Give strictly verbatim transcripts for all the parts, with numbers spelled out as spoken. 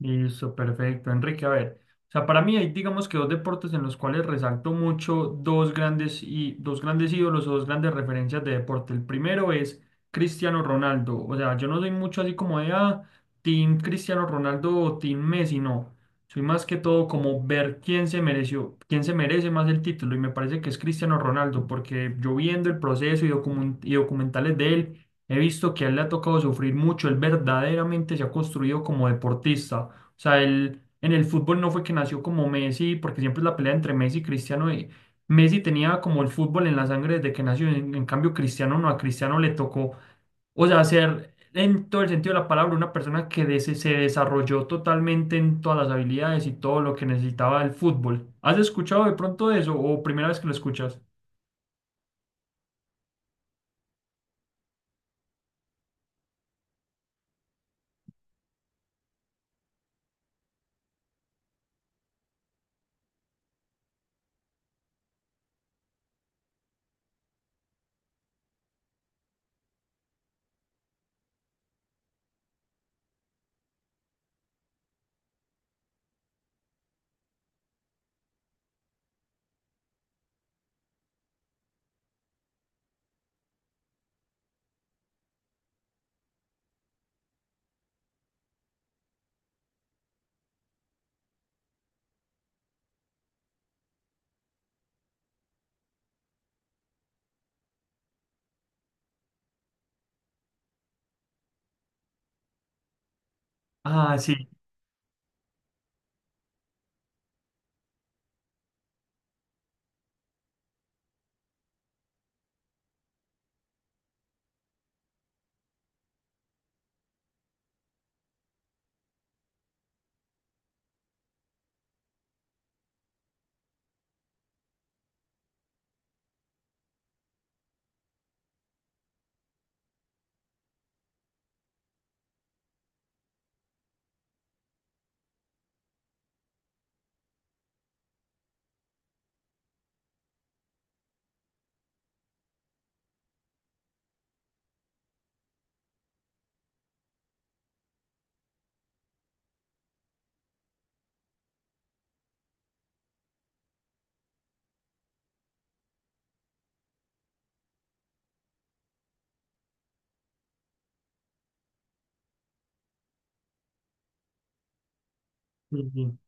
Listo, perfecto. Enrique, a ver, o sea, para mí hay, digamos que dos deportes en los cuales resalto mucho dos grandes y dos grandes ídolos o dos grandes referencias de deporte. El primero es Cristiano Ronaldo. O sea, yo no soy mucho así como de ah, Team Cristiano Ronaldo o Team Messi, no. Soy más que todo como ver quién se mereció, quién se merece más el título. Y me parece que es Cristiano Ronaldo, porque yo viendo el proceso y, documen- y documentales de él, he visto que a él le ha tocado sufrir mucho. Él verdaderamente se ha construido como deportista. O sea, él en el fútbol no fue que nació como Messi, porque siempre es la pelea entre Messi y Cristiano. Y Messi tenía como el fútbol en la sangre desde que nació. En, en cambio, Cristiano no, a Cristiano le tocó, o sea, ser en todo el sentido de la palabra una persona que des- se desarrolló totalmente en todas las habilidades y todo lo que necesitaba el fútbol. ¿Has escuchado de pronto eso o primera vez que lo escuchas? Ah, sí. Sí, sí.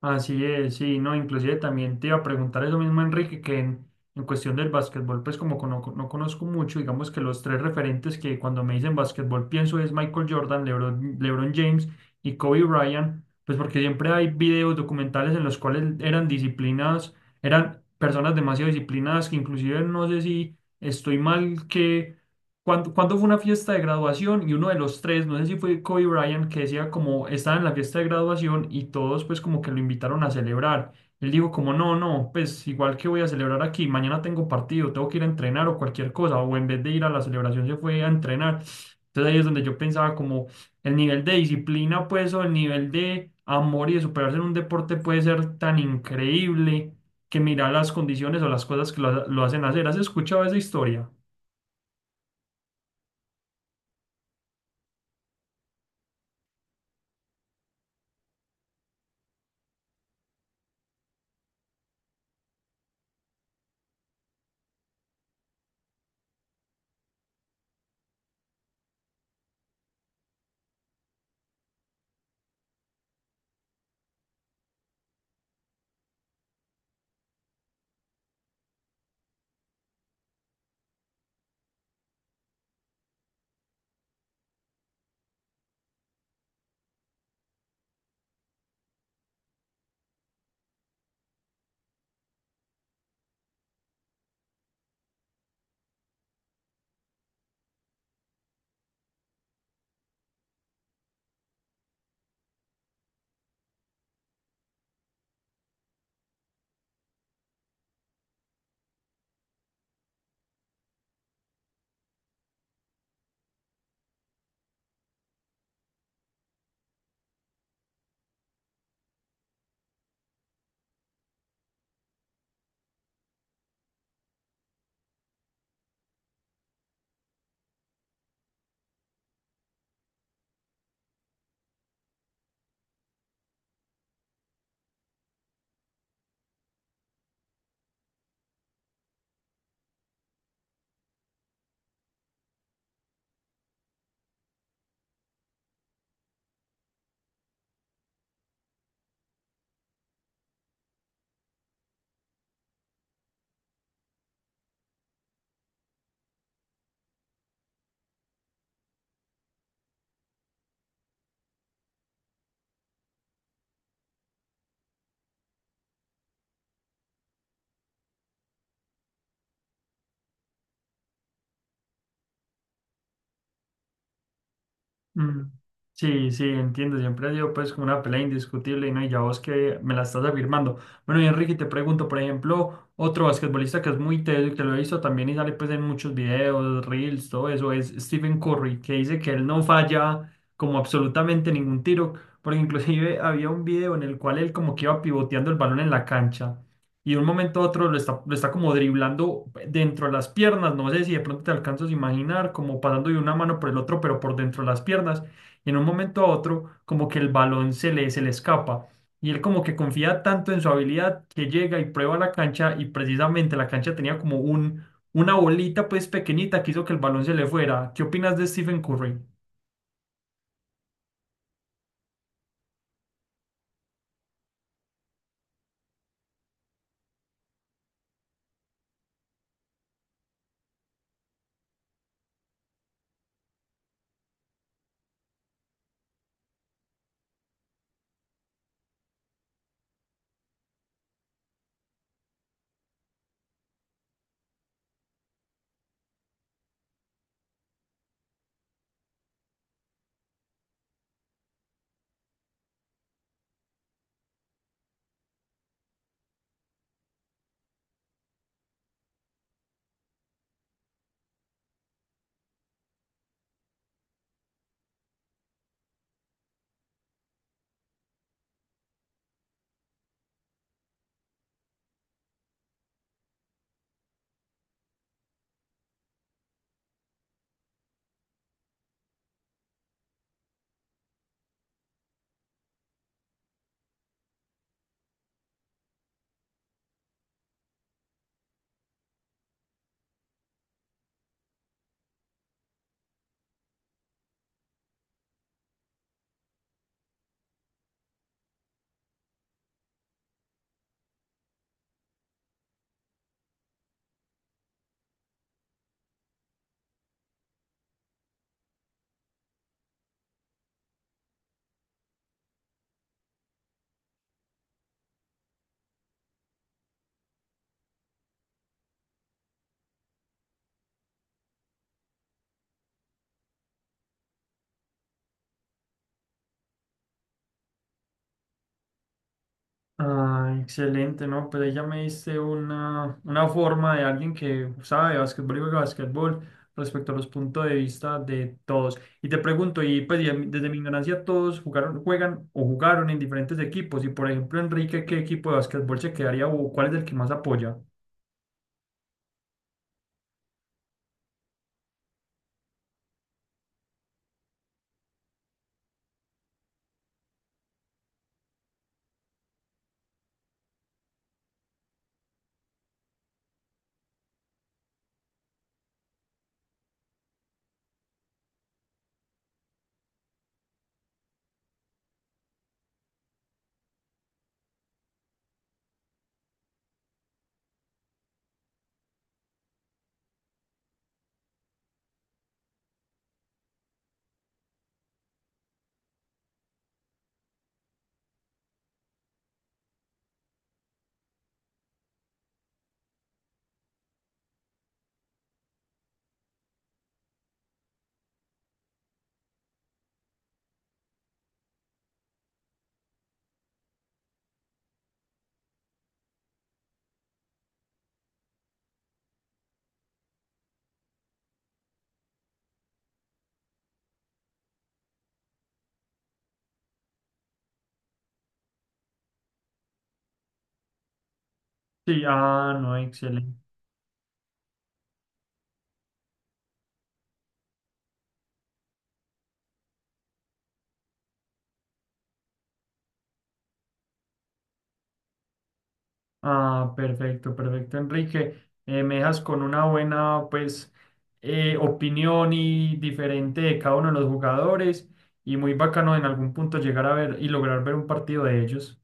Así es, sí, no, inclusive también te iba a preguntar eso mismo, Enrique, que en, en cuestión del básquetbol, pues como cono- no, conozco mucho, digamos que los tres referentes que cuando me dicen básquetbol pienso es Michael Jordan, LeBron, LeBron James y Kobe Bryant, pues porque siempre hay videos documentales en los cuales eran disciplinadas, eran personas demasiado disciplinadas que inclusive no sé si estoy mal que cuando, cuando fue una fiesta de graduación y uno de los tres, no sé si fue Kobe Bryant, que decía como estaba en la fiesta de graduación y todos pues como que lo invitaron a celebrar. Él dijo como no, no, pues igual que voy a celebrar aquí, mañana tengo partido, tengo que ir a entrenar o cualquier cosa, o en vez de ir a la celebración se fue a entrenar. Entonces ahí es donde yo pensaba como el nivel de disciplina pues o el nivel de amor y de superarse en un deporte puede ser tan increíble que mira las condiciones o las cosas que lo, lo hacen hacer. ¿Has escuchado esa historia? Mm, sí, sí, entiendo. Siempre ha sido pues como una pelea indiscutible y no, y ya vos que me la estás afirmando. Bueno, y Enrique, te pregunto, por ejemplo, otro basquetbolista que es muy teso y que lo he visto también y sale pues en muchos videos, reels, todo eso, es Stephen Curry, que dice que él no falla como absolutamente ningún tiro, porque inclusive había un video en el cual él como que iba pivoteando el balón en la cancha y de un momento a otro lo está, lo está como driblando dentro de las piernas, no sé si de pronto te alcanzas a imaginar, como pasando de una mano por el otro, pero por dentro de las piernas, y en un momento a otro como que el balón se le, se le escapa, y él como que confía tanto en su habilidad que llega y prueba la cancha, y precisamente la cancha tenía como un, una bolita pues pequeñita que hizo que el balón se le fuera. ¿Qué opinas de Stephen Curry? Ah, excelente, ¿no? Pues ahí ya me diste una, una forma de alguien que sabe de básquetbol y juega básquetbol respecto a los puntos de vista de todos. Y te pregunto, y pues y a mí desde mi ignorancia todos jugaron, juegan o jugaron en diferentes equipos. Y por ejemplo, Enrique, ¿qué equipo de básquetbol se quedaría o cuál es el que más apoya? Sí, ah, no, excelente. Ah, perfecto, perfecto, Enrique. Eh, me dejas con una buena, pues, eh, opinión y diferente de cada uno de los jugadores y muy bacano en algún punto llegar a ver y lograr ver un partido de ellos.